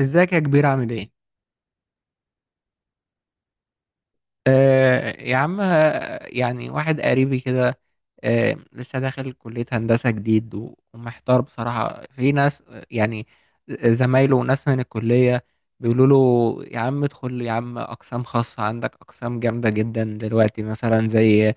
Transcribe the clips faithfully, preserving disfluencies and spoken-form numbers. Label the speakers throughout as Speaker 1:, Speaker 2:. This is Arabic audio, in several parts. Speaker 1: ازيك يا كبير؟ عامل ايه؟ آه يا عم، آه، يعني واحد قريبي كده. آه، لسه داخل كلية هندسة جديد و- ومحتار بصراحة. في ناس، آه، يعني زمايله وناس من الكلية، بيقولوا له يا عم ادخل يا عم، أقسام خاصة عندك، أقسام جامدة جدا دلوقتي، مثلا زي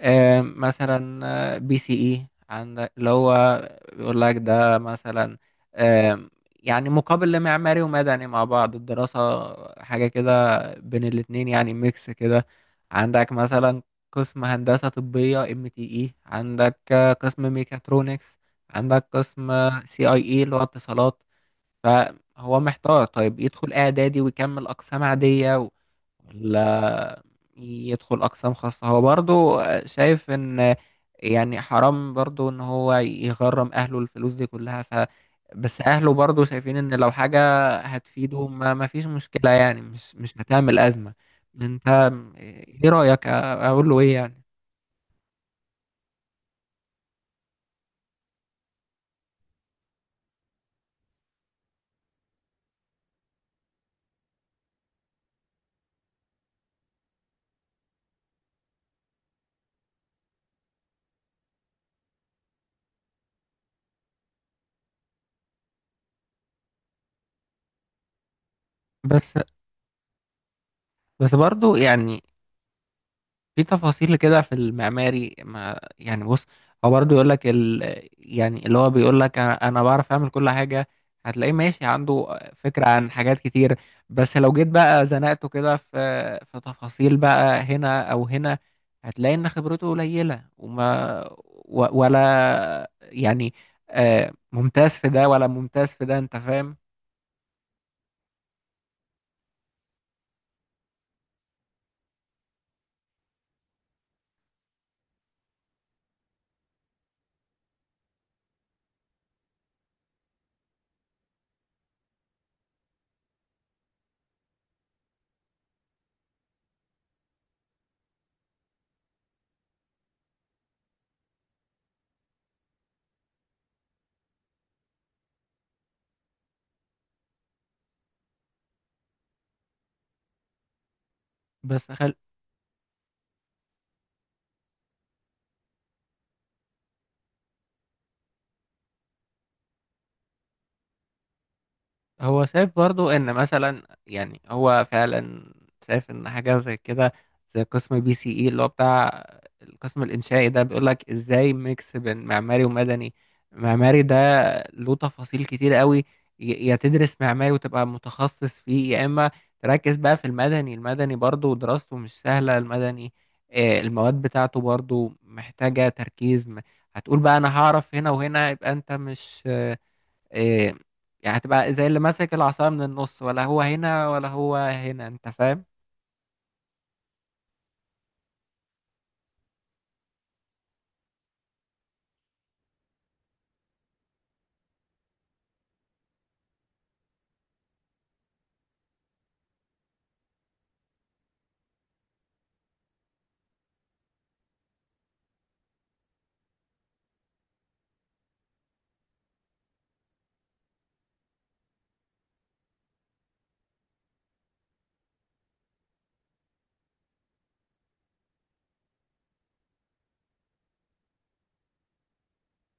Speaker 1: آه، مثلا آه، بي سي اي عندك، اللي هو بيقول لك ده مثلا آه، يعني مقابل لمعماري ومدني، يعني مع بعض الدراسة، حاجة كده بين الاتنين، يعني ميكس كده. عندك مثلا قسم هندسة طبية، ام تي اي. عندك آه، قسم ميكاترونكس. عندك قسم سي اي اي اللي هو اتصالات. فهو محتار، طيب يدخل اعدادي ويكمل اقسام عادية، ولا يدخل أقسام خاصة؟ هو برضو شايف إن، يعني، حرام برضو إن هو يغرم أهله الفلوس دي كلها. ف بس أهله برضو شايفين إن لو حاجة هتفيده ما, ما فيش مشكلة، يعني مش مش هتعمل أزمة. أنت إيه رأيك؟ أقول له إيه يعني؟ بس بس برضو يعني في تفاصيل كده في المعماري، ما يعني، بص. هو برضه يقول لك ال... يعني اللي هو بيقول لك انا أنا بعرف اعمل كل حاجه. هتلاقيه ماشي عنده فكره عن حاجات كتير، بس لو جيت بقى زنقته كده في في تفاصيل بقى هنا او هنا، هتلاقي ان خبرته قليله وما و... ولا يعني آه، ممتاز في ده ولا ممتاز في ده. انت فاهم؟ بس خل... هو شايف برضو ان مثلا، يعني هو فعلا شايف ان حاجه زي كده، زي قسم بي سي اي اللي هو بتاع القسم الانشائي ده، بيقول لك ازاي ميكس بين معماري ومدني. معماري ده له تفاصيل كتير قوي، ي- يا تدرس معماري وتبقى متخصص فيه، يا اما تركز بقى في المدني. المدني برضو دراسته مش سهله، المدني آه، المواد بتاعته برضو محتاجه تركيز. م- هتقول بقى انا هعرف هنا وهنا، يبقى انت مش إيه يعني، هتبقى زي اللي ماسك العصاية من النص، ولا هو هنا ولا هو هنا. انت فاهم؟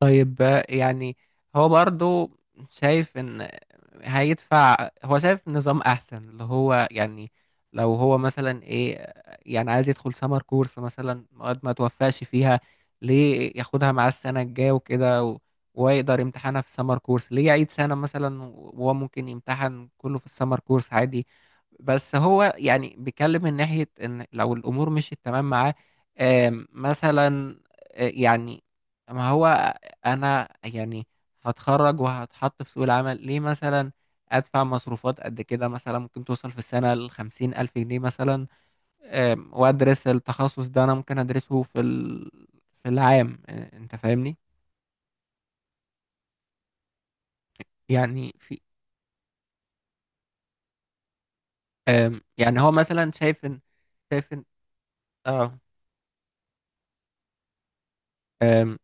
Speaker 1: طيب آه، يعني هو برضو شايف ان هيدفع، هو شايف نظام احسن اللي هو يعني لو هو مثلا ايه آه، يعني عايز يدخل سمر كورس مثلا، مواد ما توفقش فيها، ليه ياخدها مع السنة الجاية وكده؟ و- ويقدر يمتحنها في سمر كورس، ليه يعيد سنة مثلا وهو ممكن يمتحن كله في السمر كورس عادي؟ بس هو يعني بيتكلم من ناحية ان لو الامور مشيت تمام معاه. آم، مثلا آه، يعني ما هو انا يعني هتخرج وهتحط في سوق العمل، ليه مثلا ادفع مصروفات قد كده؟ مثلا ممكن توصل في السنة لخمسين الف جنيه مثلا. أم، وادرس التخصص ده، انا ممكن ادرسه في ال... في العام. أ- انت فاهمني؟ يعني في أم، يعني هو مثلا شايف ان شايف ان اه أم،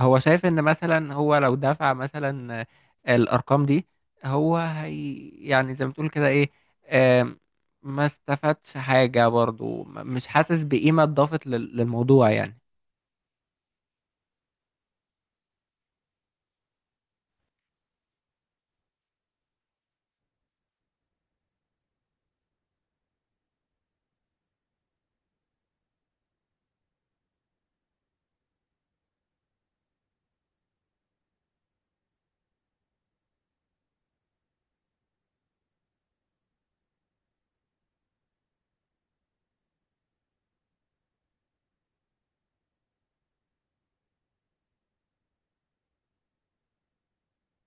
Speaker 1: هو شايف ان مثلا هو لو دفع مثلا الارقام دي، هو هي يعني زي ما تقول كده ايه آم، ما استفادش حاجة برضو. م- مش حاسس بقيمة اضافت لل- للموضوع يعني.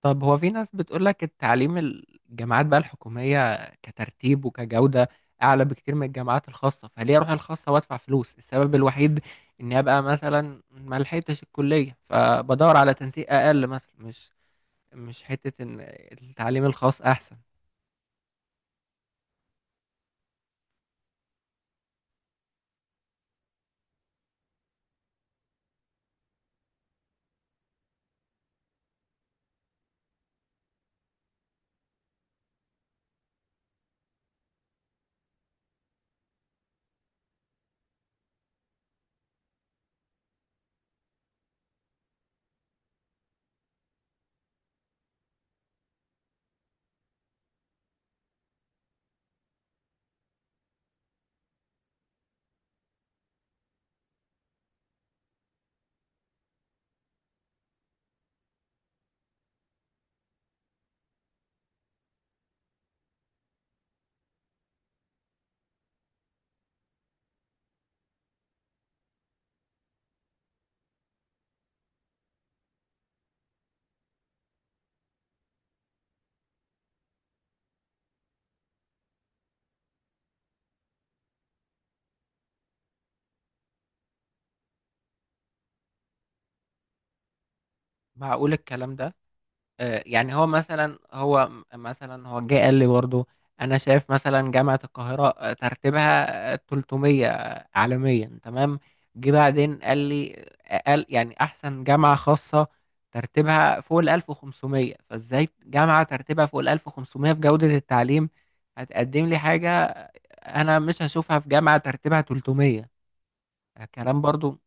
Speaker 1: طب هو في ناس بتقولك التعليم الجامعات بقى الحكومية كترتيب وكجودة اعلى بكتير من الجامعات الخاصة، فليه اروح الخاصة وادفع فلوس؟ السبب الوحيد اني ابقى مثلا ما لحقتش الكلية، فبدور على تنسيق اقل مثلا، مش مش حتة ان التعليم الخاص احسن. معقول الكلام ده؟ آه، يعني هو مثلا، هو م- مثلا هو جه قال لي برضه انا شايف مثلا جامعة القاهرة آه، ترتيبها آه، ثلاث مئة عالميا، تمام. جه بعدين قال لي آه، قال يعني احسن جامعة خاصة ترتيبها فوق ال ألف وخمسمية، فازاي جامعة ترتيبها فوق ال ألف وخمسمية في جودة التعليم هتقدم لي حاجة انا مش هشوفها في جامعة ترتيبها ثلاثمية؟ كلام برضه.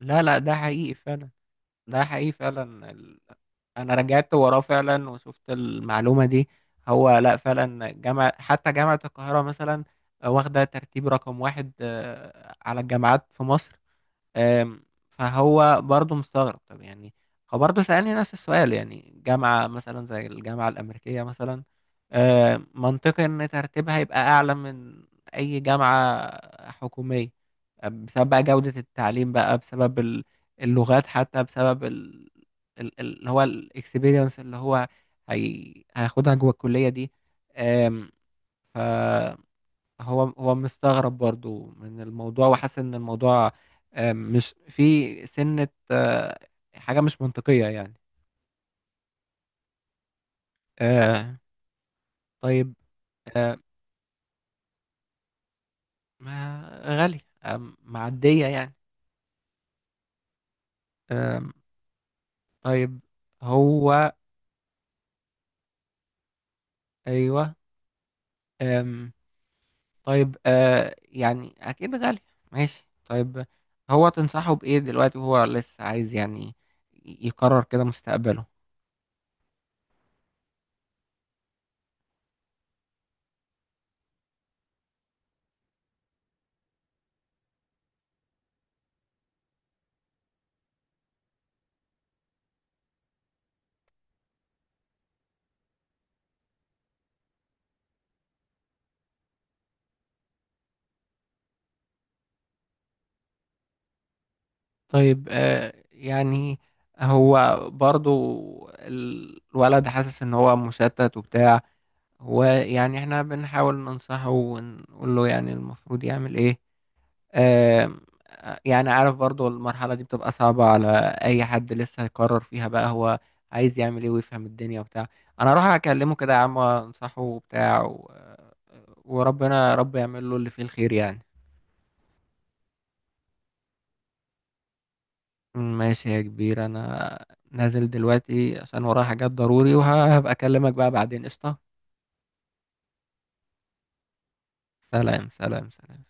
Speaker 1: لا، لا، ده حقيقي فعلا. ده حقيقي فعلا. انا رجعت وراه فعلا وشفت المعلومه دي. هو لا فعلا جامعه، حتى جامعه القاهره مثلا واخده ترتيب رقم واحد آه، على الجامعات في مصر. آم، فهو برضه مستغرب. طب يعني هو برضه سألني نفس السؤال، يعني جامعة مثلا زي الجامعة الأمريكية مثلا. آم، منطقي إن ترتيبها يبقى أعلى من أي جامعة حكومية بسبب بقى جودة التعليم، بقى بسبب ال- اللغات، حتى بسبب ال- ال- ال- اللي هو الاكسبيرينس اللي هو هي... هياخدها جوه الكلية دي. آم، هو هو مستغرب برضو من الموضوع وحاسس ان الموضوع آه، مش في سنة آه، حاجة مش منطقية يعني. آه، طيب. ما غالية آم، معدية يعني. آم، طيب. هو ايوه آم، طيب آه، يعني اكيد غالية. ماشي طيب. هو تنصحه بايه دلوقتي وهو لسه عايز يعني يقرر كده مستقبله؟ طيب آه يعني هو برضو، ال- الولد حاسس ان هو مشتت وبتاع، ويعني احنا بنحاول ننصحه ونقول له يعني المفروض يعمل ايه. آه، يعني عارف برضو المرحلة دي بتبقى صعبة على اي حد لسه هيقرر فيها بقى هو عايز يعمل ايه ويفهم الدنيا وبتاع. انا اروح اكلمه كده يا عم وانصحه وبتاع و... آه، وربنا رب يعمل له اللي فيه الخير يعني. ماشي يا كبير. انا نازل دلوقتي عشان ورايا حاجات ضروري، وهبقى اكلمك بقى بعدين. قشطة. سلام، سلام، سلام.